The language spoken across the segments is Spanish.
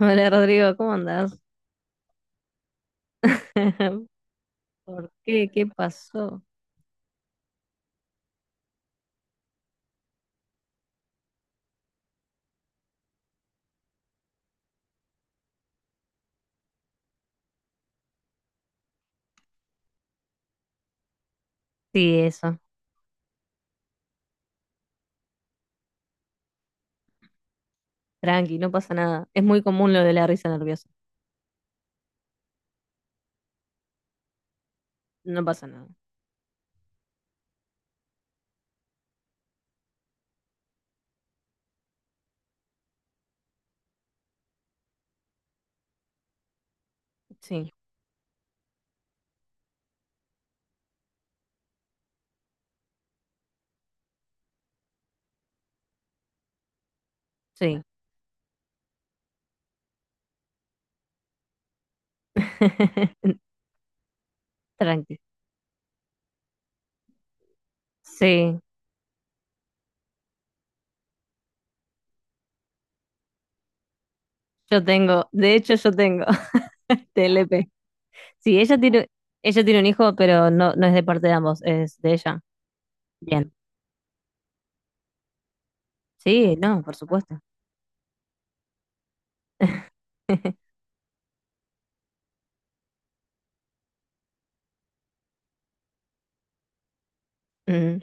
Hola Rodrigo, ¿cómo andás? ¿Por qué? ¿Qué pasó? Sí, eso. Tranqui, no pasa nada. Es muy común lo de la risa nerviosa. No pasa nada. Sí, sí. Tranqui. Sí, yo tengo, de hecho yo tengo TLP. Sí, ella tiene un hijo, pero no, no es de parte de ambos, es de ella. Bien. Sí, no, por supuesto. Mm,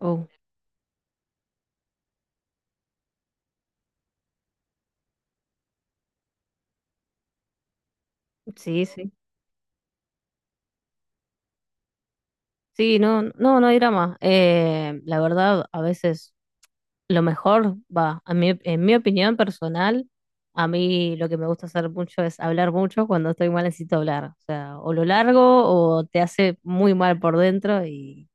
oh, sí, sí. Sí, no, no, no hay drama. La verdad, a veces lo mejor, va, a mí, en mi opinión personal, a mí lo que me gusta hacer mucho es hablar mucho. Cuando estoy mal necesito hablar. O sea, o lo largo o te hace muy mal por dentro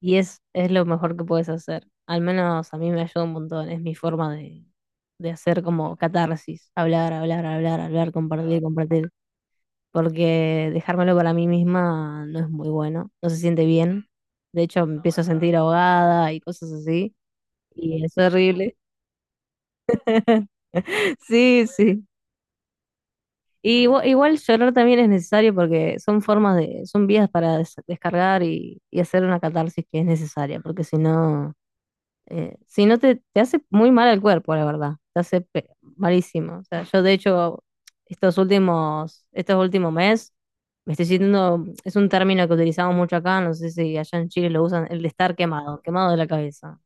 y es lo mejor que puedes hacer. Al menos a mí me ayuda un montón. Es mi forma de hacer como catarsis. Hablar, hablar, hablar, hablar, compartir, compartir. Porque dejármelo para mí misma no es muy bueno. No se siente bien. De hecho, me empiezo a sentir ahogada y cosas así. Y es horrible. Sí, sí. Y igual, llorar también es necesario porque son formas de, son vías para descargar y hacer una catarsis que es necesaria, porque si no, si no te, te hace muy mal al cuerpo, la verdad, te hace malísimo. O sea, yo de hecho, estos últimos meses, me estoy sintiendo, es un término que utilizamos mucho acá, no sé si allá en Chile lo usan, el de estar quemado, quemado de la cabeza.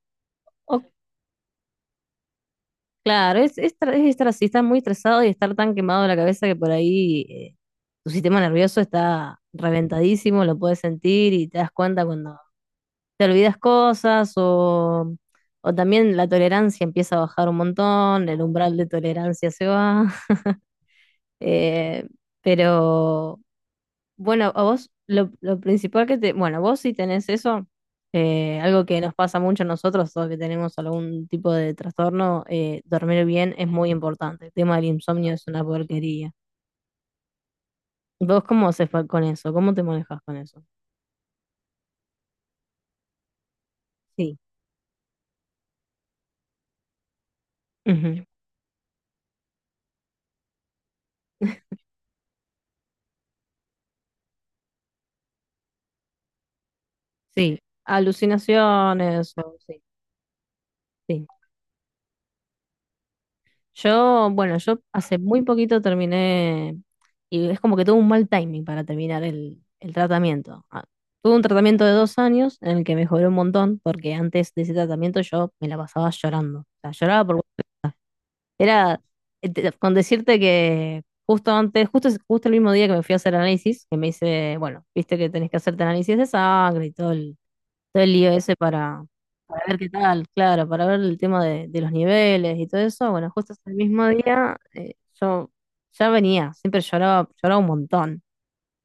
Claro, es estar así, estar muy estresado y estar tan quemado de la cabeza que por ahí tu sistema nervioso está reventadísimo, lo puedes sentir y te das cuenta cuando te olvidas cosas o también la tolerancia empieza a bajar un montón, el umbral de tolerancia se va. eh, pero bueno, a vos, lo principal que te, bueno, vos sí tenés eso, algo que nos pasa mucho a nosotros, todos que tenemos algún tipo de trastorno, dormir bien es muy importante. El tema del insomnio es una porquería. ¿Vos cómo haces fue con eso? ¿Cómo te manejas con eso? Sí. Ujú. Sí. Alucinaciones, sí, sí. Yo, bueno, yo hace muy poquito terminé y es como que tuve un mal timing para terminar el tratamiento. Ah, tuve un tratamiento de 2 años en el que mejoré un montón porque antes de ese tratamiento yo me la pasaba llorando. O sea, lloraba por... Era con decirte que justo antes, justo el mismo día que me fui a hacer análisis, que me hice, bueno, viste que tenés que hacerte análisis de sangre y todo el lío ese para ver qué tal, claro, para ver el tema de los niveles y todo eso. Bueno, justo ese mismo día, yo ya venía, siempre lloraba, lloraba un montón.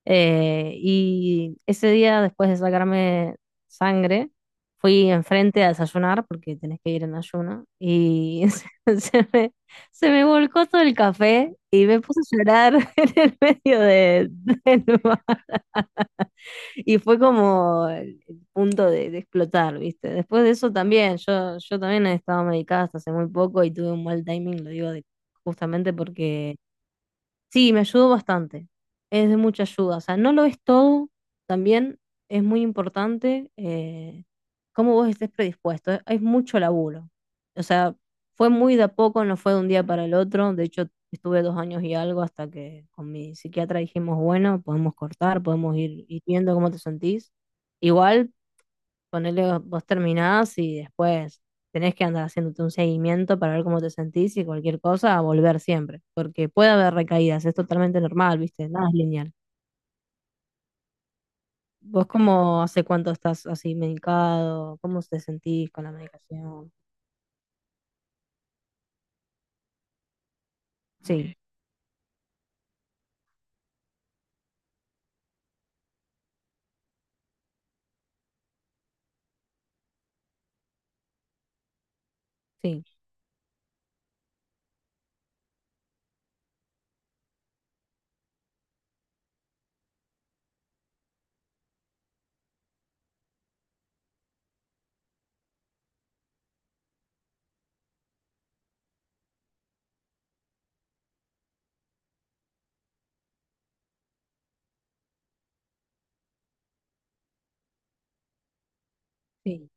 Y ese día, después de sacarme sangre, fui enfrente a desayunar, porque tenés que ir en ayuno, y se, se me, se me volcó todo el café y me puse a llorar en el medio de, del bar y fue como el punto de explotar, ¿viste? Después de eso también, yo también he estado medicada hasta hace muy poco y tuve un mal timing, lo digo justamente porque sí, me ayudó bastante. Es de mucha ayuda. O sea, no lo es todo. También es muy importante cómo vos estés predispuesto. Es mucho laburo. O sea, fue muy de a poco, no fue de un día para el otro. De hecho, estuve 2 años y algo hasta que con mi psiquiatra dijimos, bueno, podemos cortar, podemos ir, ir viendo cómo te sentís. Igual, ponele, vos terminás y después tenés que andar haciéndote un seguimiento para ver cómo te sentís y cualquier cosa, a volver siempre, porque puede haber recaídas, es totalmente normal, ¿viste? Nada es lineal. ¿Vos cómo hace cuánto estás así medicado? ¿Cómo te sentís con la medicación? Sí, sí, sí.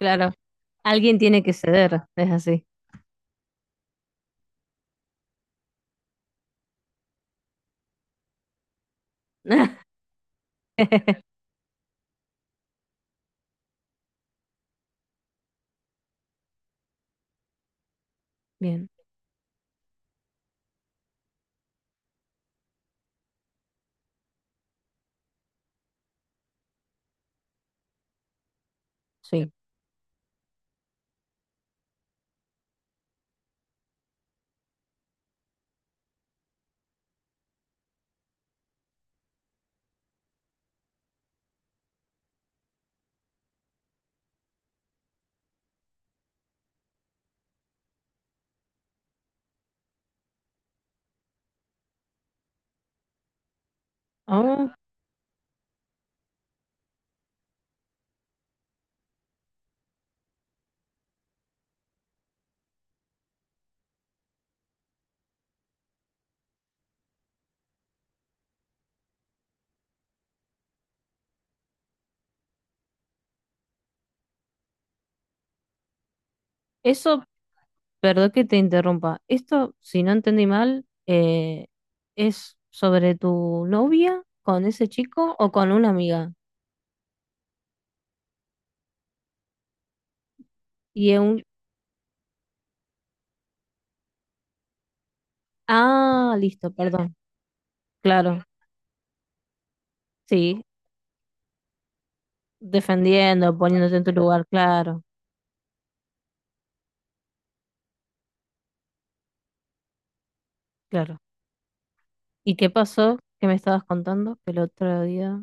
Claro, alguien tiene que ceder, es así. Bien, sí. Ah, eso, perdón que te interrumpa. Esto, si no entendí mal, es sobre tu novia con ese chico o con una amiga. Y es un... Ah, listo, perdón. Claro, sí. Defendiendo, poniéndote en tu lugar, claro, claro. ¿Y qué pasó? ¿Qué me estabas contando? Que el otro día...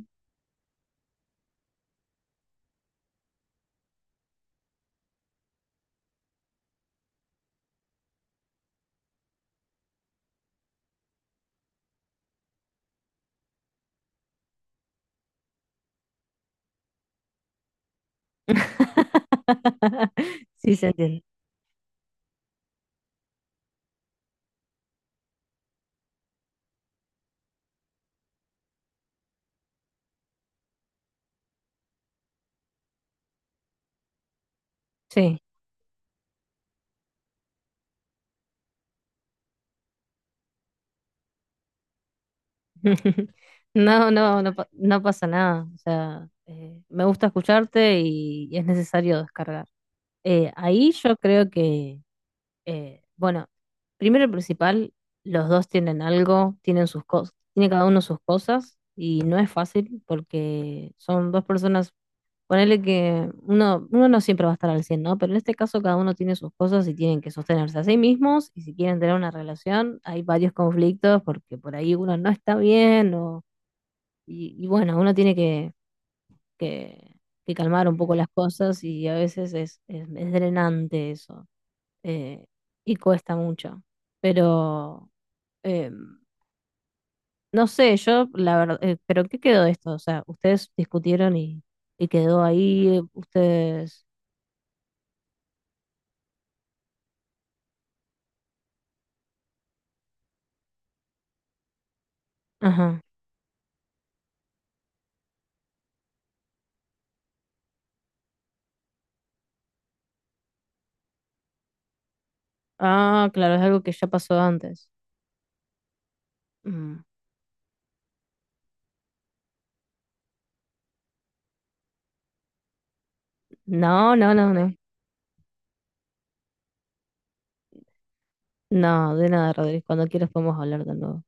Sí, se entiende. Sí. No, no, no, no pasa nada. O sea, me gusta escucharte y es necesario descargar. Ahí yo creo que, bueno, primero y principal, los dos tienen algo, tienen sus cosas, tiene cada uno sus cosas y no es fácil porque son dos personas, ponele que uno no siempre va a estar al 100, ¿no? Pero en este caso cada uno tiene sus cosas y tienen que sostenerse a sí mismos y si quieren tener una relación hay varios conflictos porque por ahí uno no está bien o, y bueno, uno tiene que, que calmar un poco las cosas y a veces es es drenante eso, eh, y cuesta mucho. Pero eh, no sé, yo la verdad, pero ¿qué quedó de esto? O sea, ustedes discutieron y quedó ahí, ustedes... Ajá. Ah, claro, es algo que ya pasó antes. Mm. No, no, no, no. No, de nada, Rodríguez. Cuando quieras podemos hablar de nuevo.